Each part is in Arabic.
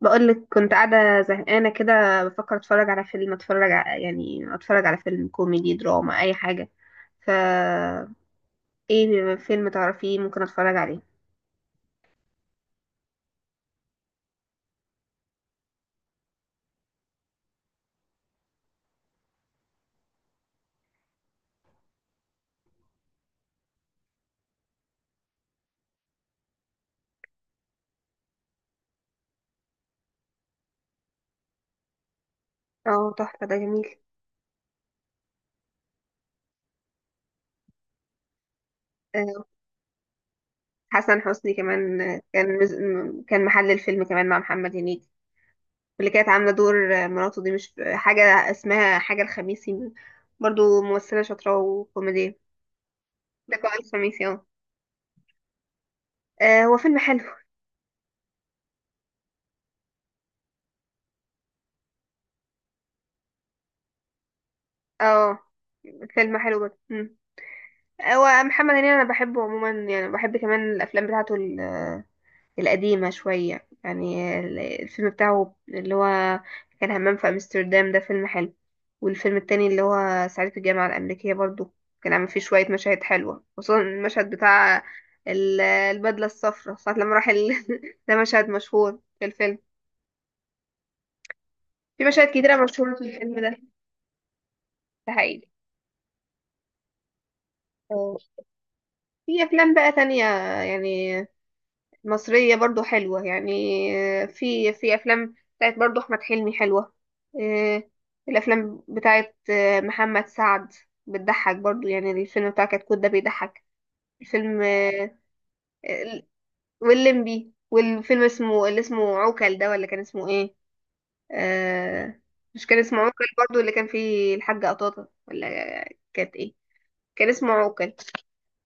بقولك كنت قاعدة زهقانة كده بفكر اتفرج على فيلم اتفرج على فيلم كوميدي دراما اي حاجة. فا ايه فيلم تعرفيه ممكن اتفرج عليه؟ اه، تحفة، ده جميل. آه، حسن حسني كمان، كان محل الفيلم كمان مع محمد هنيدي. واللي كانت عاملة دور مراته دي مش حاجة اسمها حاجة الخميسي؟ برضو ممثلة شاطرة وكوميدية. لقاء الخميسي، اه. هو فيلم حلو. اه، فيلم حلو جدا. هو محمد هنيدي انا بحبه عموما، يعني بحب كمان الافلام بتاعته القديمه شويه. يعني الفيلم بتاعه اللي هو كان همام في امستردام ده فيلم حلو. والفيلم التاني اللي هو صعيدي في الجامعه الامريكيه برضو كان عامل فيه شويه مشاهد حلوه، خصوصا المشهد بتاع البدله الصفراء ساعه لما راح ال... ده مشهد مشهور في الفيلم. في مشاهد كتيره مشهوره في الفيلم ده. ده حقيقي. أه. في افلام بقى تانية يعني مصرية برضو حلوة يعني. آه، في أفلام بتاعت برضو أحمد حلمي حلوة. آه، الأفلام بتاعت محمد سعد بتضحك برضو. يعني الفيلم بتاع كتكوت ده بيضحك. الفيلم ال- واللمبي، والفيلم اسمه اللي اسمه عوكل ده، ولا كان اسمه ايه؟ آه، مش كان اسمه عوكل برضو اللي كان فيه الحاجة قطاطة، ولا كانت ايه؟ كان اسمه عوكل.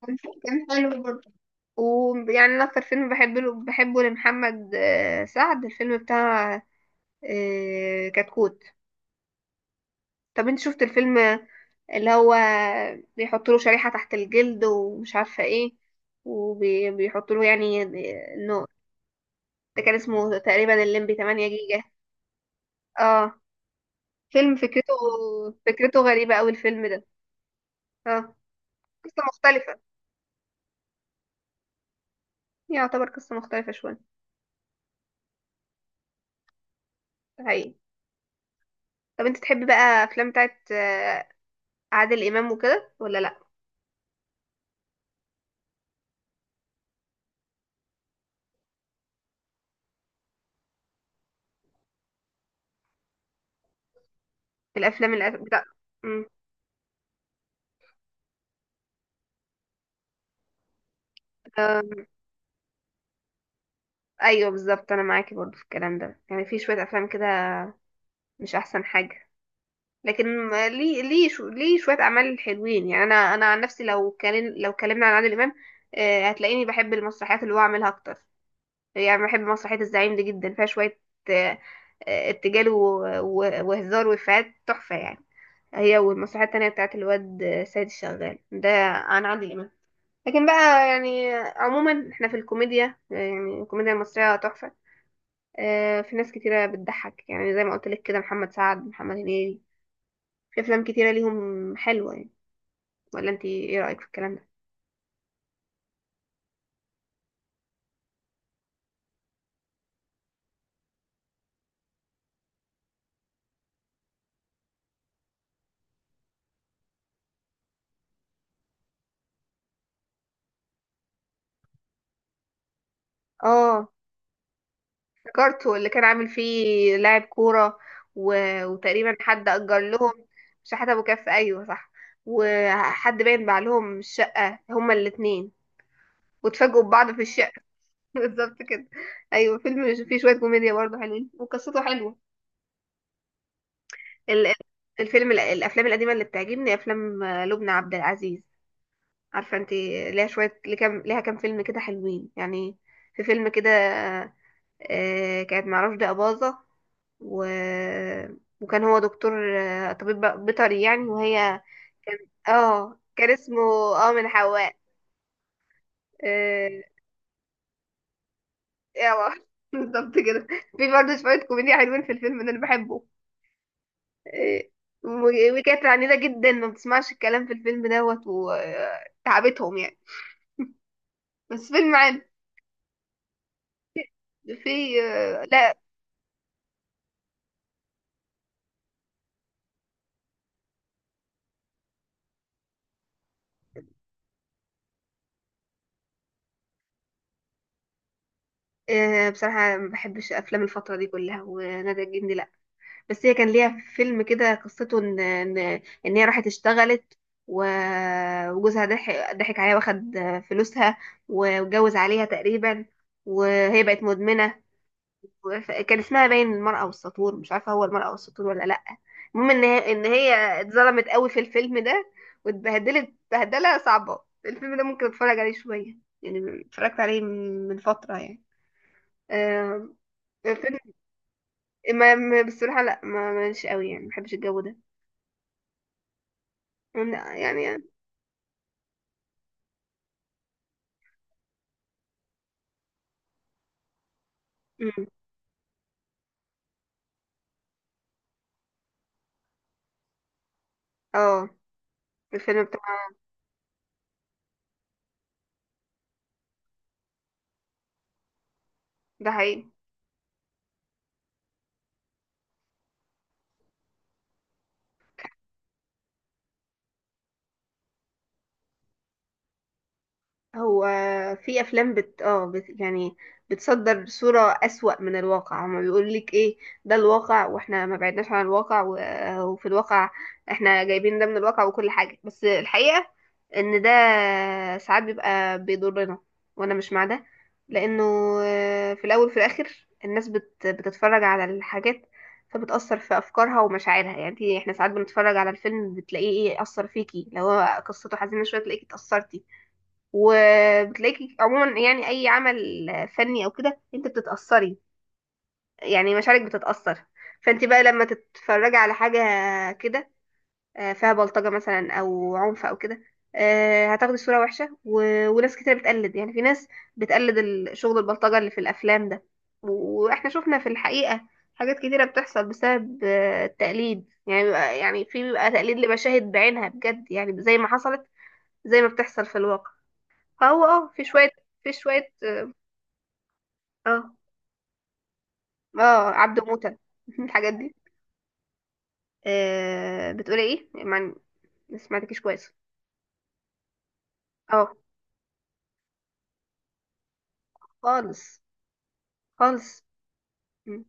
كان كان حلو برضو. ويعني انا اكتر فيلم بحبه له، بحبه لمحمد سعد الفيلم بتاع كتكوت. طب انت شفت الفيلم اللي هو بيحط له شريحة تحت الجلد ومش عارفة ايه، وبيحط له يعني انه ده كان اسمه تقريبا الليمبي 8 جيجا؟ اه، فيلم فكرته غريبة قوي الفيلم ده. اه، قصة مختلفة، يعتبر قصة مختلفة شوية. ده حقيقي. طب انت تحبي بقى افلام بتاعت عادل امام وكده ولا لا؟ الافلام الأف... بتاع مم. آم، ايوه بالظبط، انا معاكي برضو في الكلام ده. يعني في شويه افلام كده مش احسن حاجه، لكن ليه شويه اعمال حلوين. يعني انا عن نفسي لو كلمنا عن عادل امام، آه، هتلاقيني بحب المسرحيات اللي هو عاملها اكتر. يعني بحب مسرحيه الزعيم دي جدا، فيها شويه آه، ارتجال و... وهزار وافيهات تحفه يعني. هي والمسرحيه التانية بتاعت الواد سيد الشغال ده عن عادل امام. لكن بقى يعني عموما احنا في الكوميديا، يعني الكوميديا المصرية تحفة. آه، في ناس كتيرة بتضحك، يعني زي ما قلت لك كده محمد سعد، محمد هنيدي، في افلام كتيرة ليهم حلوة يعني. ولا انت ايه رأيك في الكلام ده؟ اه، افتكرته اللي كان عامل فيه لاعب كورة، و... وتقريبا حد أجر لهم. شحات أبو كف، أيوه صح. وحد باين باع لهم الشقة هما الاتنين، واتفاجئوا ببعض في الشقة. بالظبط كده. أيوه، فيلم فيه شوية كوميديا برضه حلوين وقصته حلوة. ال- الفيلم، الافلام القديمه اللي بتعجبني افلام لبنى عبد العزيز. عارفه انت ليها شويه، ليها كام فيلم كده حلوين يعني. في فيلم كده آه، كانت مع رشدي اباظه، و... وكان هو دكتور طبيب بيطري يعني، وهي كان، اه كان اسمه، اه من حواء. آه، يلا بالظبط كده. في برضه شويه كوميديا حلوين في الفيلم ده، انا بحبه. إيه، وكانت عنيدة جدا، ما بتسمعش الكلام في الفيلم دوت وتعبتهم يعني. بس فيلم عام. في آه، لا. آه، بصراحة ما بحبش أفلام الفترة دي كلها ونادية الجندي لا. بس هي كان ليها فيلم كده قصته إن هي راحت اشتغلت، وجوزها ضحك عليها، واخد فلوسها، واتجوز عليها تقريبا، وهي بقت مدمنة. كان اسمها باين المرأة والسطور، مش عارفة هو المرأة والسطور ولا لأ. المهم ان هي اتظلمت قوي في الفيلم ده، واتبهدلت بهدلة صعبة. الفيلم ده ممكن اتفرج عليه شوية، يعني اتفرجت عليه من فترة يعني. آم، فيلم، بصراحة لا، ما ماليش قوي يعني، ما بحبش الجو ده. لا، يعني مم. اه، الفيلم بتاع، ده حقيقي. هو في افلام يعني بتصدر صورة اسوأ من الواقع. هما بيقول لك ايه؟ ده الواقع، واحنا ما بعدناش عن الواقع وفي الواقع احنا جايبين ده من الواقع وكل حاجة. بس الحقيقة ان ده ساعات بيبقى بيضرنا، وانا مش مع ده. لانه في الاول وفي الاخر الناس بتتفرج على الحاجات، فبتأثر في أفكارها ومشاعرها. يعني احنا ساعات بنتفرج على الفيلم، بتلاقيه ايه أثر فيكي. لو هو قصته حزينة شوية، تلاقيكي اتأثرتي. وبتلاقيكي عموما يعني اي عمل فني او كده انت بتتاثري، يعني مشاعرك بتتاثر. فانت بقى لما تتفرجي على حاجه كده فيها بلطجه مثلا او عنف او كده، آه، هتاخدي صوره وحشه. وناس كتير بتقلد. يعني في ناس بتقلد شغل البلطجه اللي في الافلام ده. واحنا شفنا في الحقيقه حاجات كتيره بتحصل بسبب التقليد. يعني بيبقى- يعني في بيبقى تقليد لمشاهد بعينها بجد، يعني زي ما حصلت، زي ما بتحصل في الواقع. اه اه، في شوية، في شوية اه اه، عبد موتة الحاجات دي. آه بتقولي ايه؟ ما سمعتكيش كويس. اه، خالص. خالص م.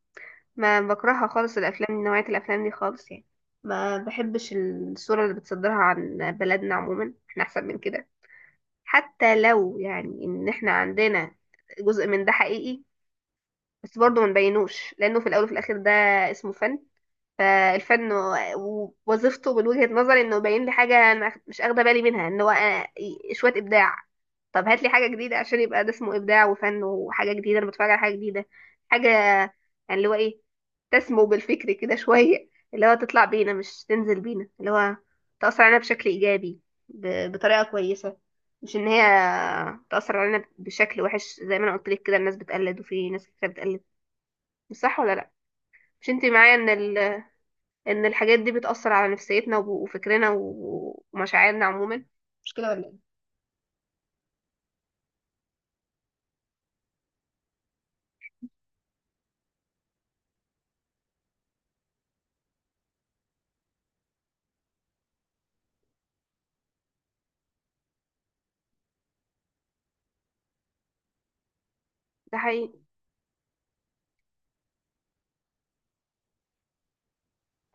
ما بكرهها خالص الافلام، نوعية الافلام دي خالص يعني. ما بحبش الصورة اللي بتصدرها عن بلدنا، عموما احنا احسن من كده. حتى لو يعني ان احنا عندنا جزء من ده حقيقي، بس برضه ما نبينوش، لانه في الاول وفي الاخر ده اسمه فن. فالفن ووظيفته من وجهة نظري انه يبين لي حاجة انا مش اخده بالي منها، ان هو شوية ابداع. طب هات لي حاجة جديدة عشان يبقى ده اسمه ابداع وفن وحاجة جديدة، انا بتفرج على حاجة جديدة، حاجة يعني اللي هو ايه، تسمو بالفكر كده شوية. اللي هو تطلع بينا مش تنزل بينا. اللي هو تأثر علينا بشكل إيجابي، بطريقة كويسة، مش إن هي تأثر علينا بشكل وحش. زي ما أنا قلت لك كده الناس بتقلد، وفي ناس كتير بتقلد. مش صح ولا لأ؟ مش أنت معايا ان الحاجات دي بتأثر على نفسيتنا وفكرنا ومشاعرنا عموما؟ مش كده ولا ايه؟ ده حقيقي.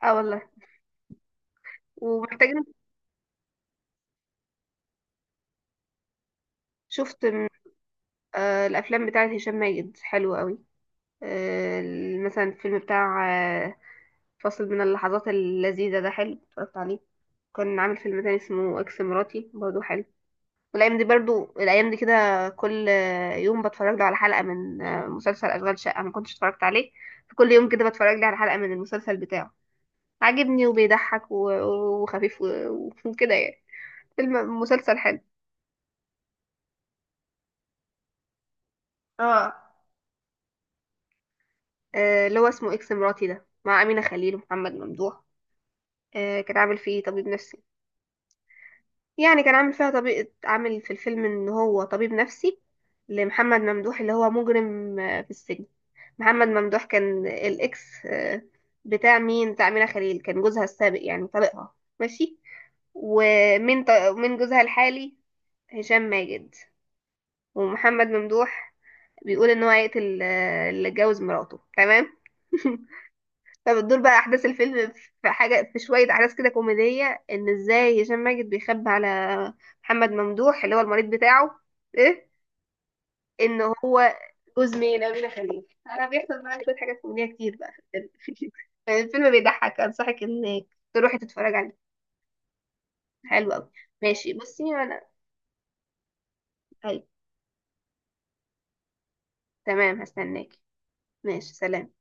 اه والله، ومحتاجين. شفت م- آه، الافلام بتاعت هشام ماجد حلوة قوي. آه، مثلا الفيلم بتاع آه، فاصل من اللحظات اللذيذة ده حلو، اتفرجت عليه. كان عامل فيلم تاني اسمه اكس مراتي برضه حلو. والايام دي برضو، الايام دي كده كل يوم بتفرج له على حلقة من مسلسل اشغال شقة، ما كنتش اتفرجت عليه. فكل يوم كده بتفرج لي على حلقة من المسلسل بتاعه، عاجبني وبيضحك وخفيف وكده يعني. فيلم مسلسل حلو. اه، اللي هو اسمه اكس مراتي ده، مع أمينة خليل ومحمد ممدوح. آه، كان عامل فيه طبيب نفسي. يعني كان عامل فيها طبيب، عامل في الفيلم ان هو طبيب نفسي لمحمد ممدوح اللي هو مجرم في السجن. محمد ممدوح كان الاكس بتاع مين؟ بتاع أمينة خليل، كان جوزها السابق يعني طليقها. ماشي. من جوزها الحالي هشام ماجد، ومحمد ممدوح بيقول ان هو هيقتل اللي اتجوز مراته. تمام. فبتدور بقى احداث الفيلم. في حاجه، في شويه احداث كده كوميديه ان ازاي هشام ماجد بيخبي على محمد ممدوح اللي هو المريض بتاعه ايه، ان هو جوز مين، امينه خليل. انا بيحصل معايا شويه حاجات كوميديه كتير بقى في الفيلم. الفيلم بيضحك، انصحك انك تروحي تتفرج عليه. حلو قوي. ماشي بصي انا. طيب تمام، هستناكي. ماشي سلام.